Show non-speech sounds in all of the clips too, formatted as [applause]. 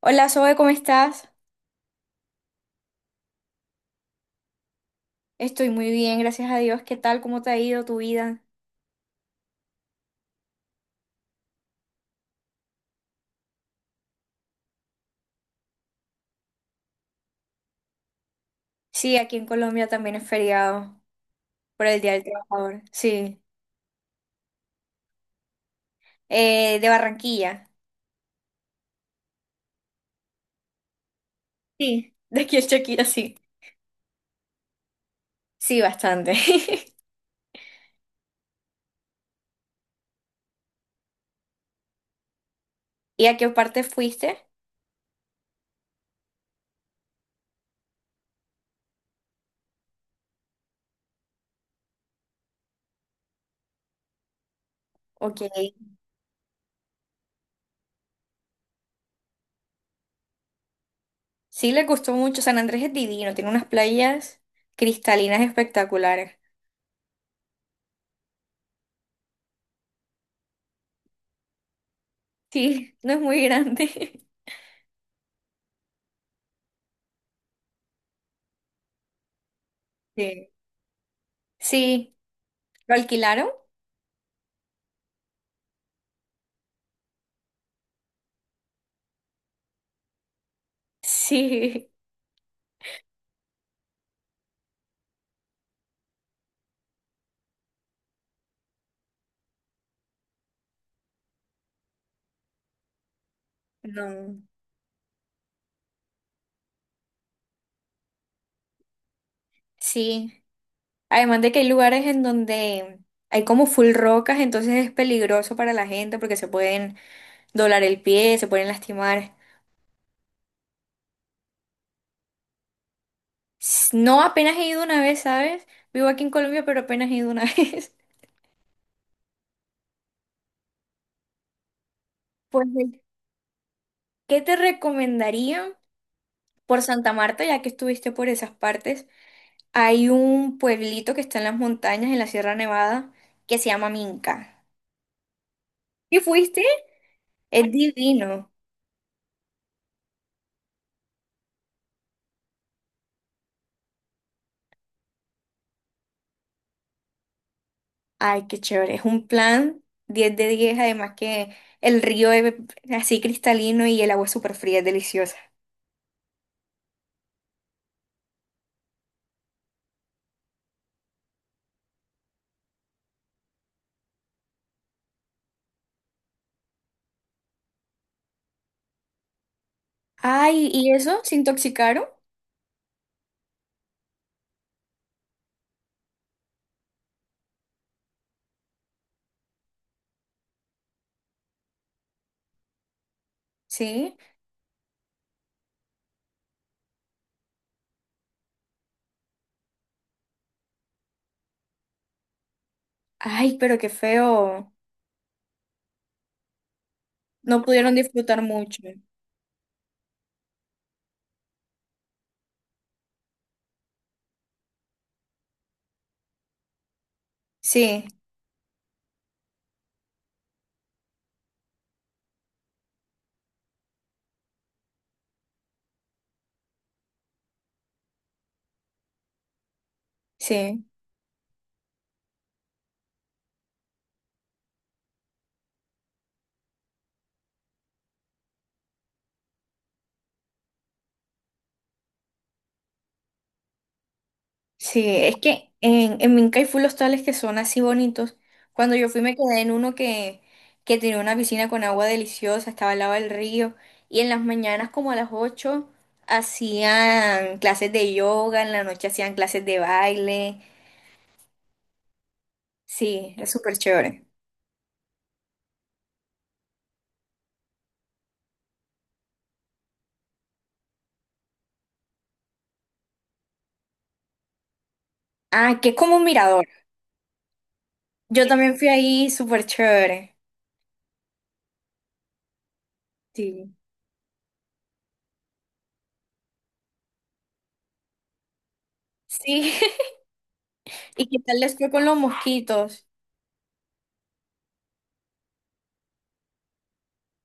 Hola Zoe, ¿cómo estás? Estoy muy bien, gracias a Dios. ¿Qué tal? ¿Cómo te ha ido tu vida? Sí, aquí en Colombia también es feriado por el Día del Trabajador. Sí. De Barranquilla. Sí, [laughs] de aquí en Shakira, sí. Sí, bastante. [laughs] ¿Y a qué parte fuiste? Ok. Sí, le gustó mucho. San Andrés es divino, tiene unas playas cristalinas espectaculares. Sí, no es muy grande. [laughs] Sí. Sí. ¿Lo alquilaron? Sí. No. Sí. Además de que hay lugares en donde hay como full rocas, entonces es peligroso para la gente porque se pueden doblar el pie, se pueden lastimar. S- No, apenas he ido una vez, ¿sabes? Vivo aquí en Colombia, pero apenas he ido una [laughs] vez. Pues, ¿qué te recomendaría? Por Santa Marta, ya que estuviste por esas partes, hay un pueblito que está en las montañas, en la Sierra Nevada, que se llama Minca. ¿Y fuiste? Es divino. Ay, qué chévere. Es un plan 10 de 10, además que el río es así cristalino y el agua es súper fría, es deliciosa. Ay, ¿y eso? ¿Se intoxicaron? Sí. Ay, pero qué feo. No pudieron disfrutar mucho. Sí, sí. Sí, es que en Minca hay full hostales que son así bonitos. Cuando yo fui me quedé en uno que tenía una piscina con agua deliciosa, estaba al lado del río. Y en las mañanas como a las 8 hacían clases de yoga, en la noche hacían clases de baile. Sí, es súper chévere. Ah, que es como un mirador. Yo también fui ahí, súper chévere. Sí. Sí, [laughs] ¿y qué tal les fue con los mosquitos?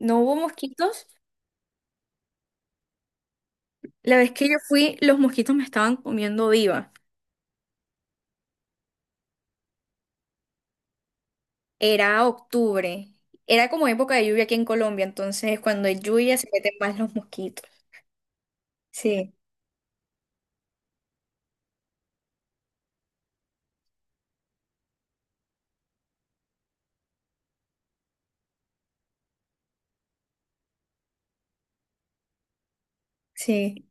¿No hubo mosquitos? La vez que yo fui, los mosquitos me estaban comiendo viva. Era octubre. Era como época de lluvia aquí en Colombia, entonces cuando hay lluvia se meten más los mosquitos. Sí, sí.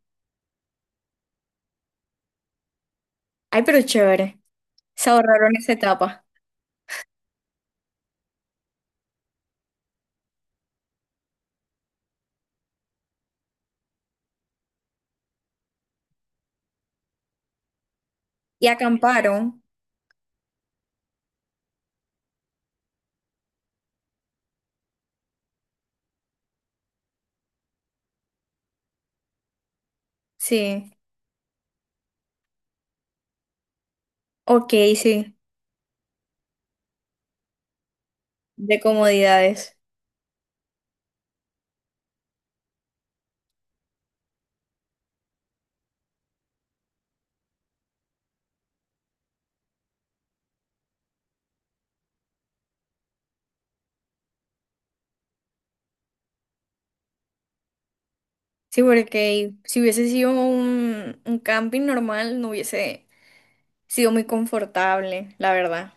Ay, pero chévere. Se ahorraron esa etapa. Y acamparon. Sí. Ok, sí. De comodidades. Sí, porque si hubiese sido un camping normal, no hubiese sido muy confortable, la verdad.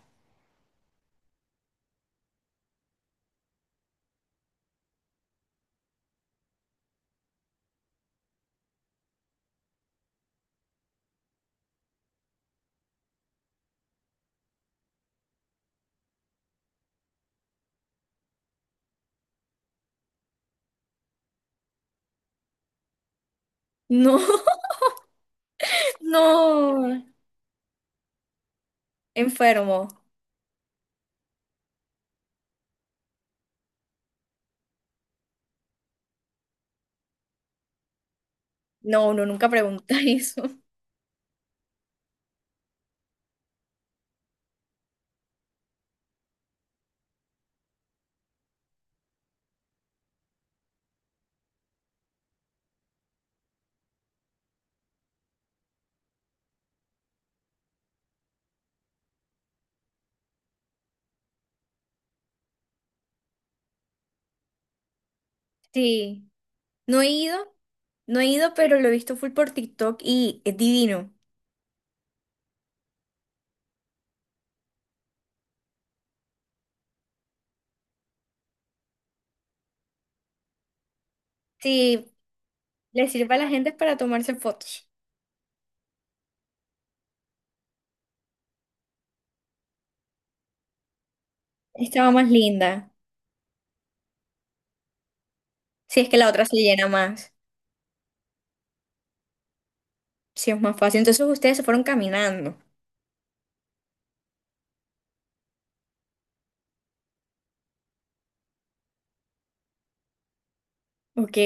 No, [laughs] no. Enfermo. No, uno nunca pregunta [laughs] eso. Sí. No he ido, no he ido, pero lo he visto full por TikTok y es divino. Sí, le sirve a la gente es para tomarse fotos. Esta más linda. Si es que la otra se llena más, si es más fácil. Entonces ustedes se fueron caminando, ¿ok?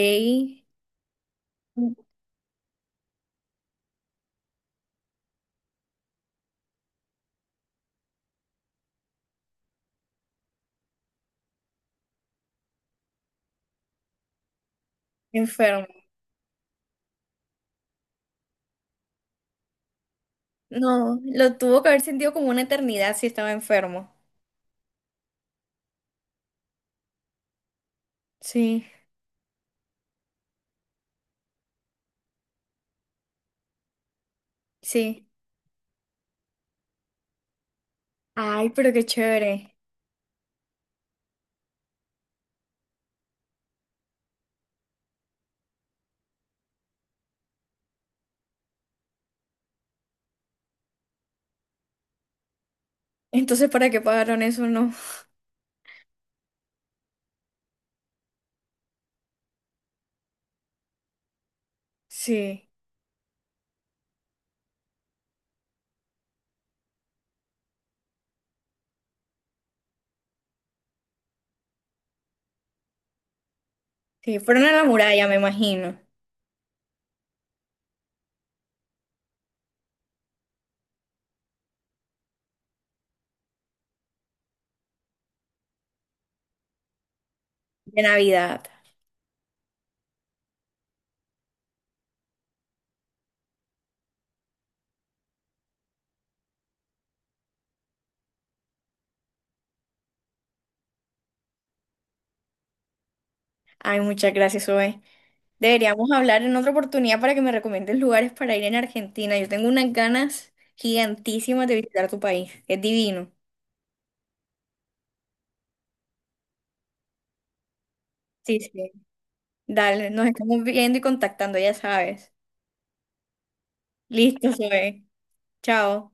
Enfermo. No, lo tuvo que haber sentido como una eternidad si estaba enfermo. Sí, sí. Ay, pero qué chévere. Entonces, ¿para qué pagaron eso? No. Sí, sí. Fueron a la muralla, me imagino. De Navidad. Ay, muchas gracias, Zoe. Deberíamos hablar en otra oportunidad para que me recomiendes lugares para ir en Argentina. Yo tengo unas ganas gigantísimas de visitar tu país. Es divino. Sí, sí. Dale, nos estamos viendo y contactando, ya sabes. Listo, Zoe. Chao.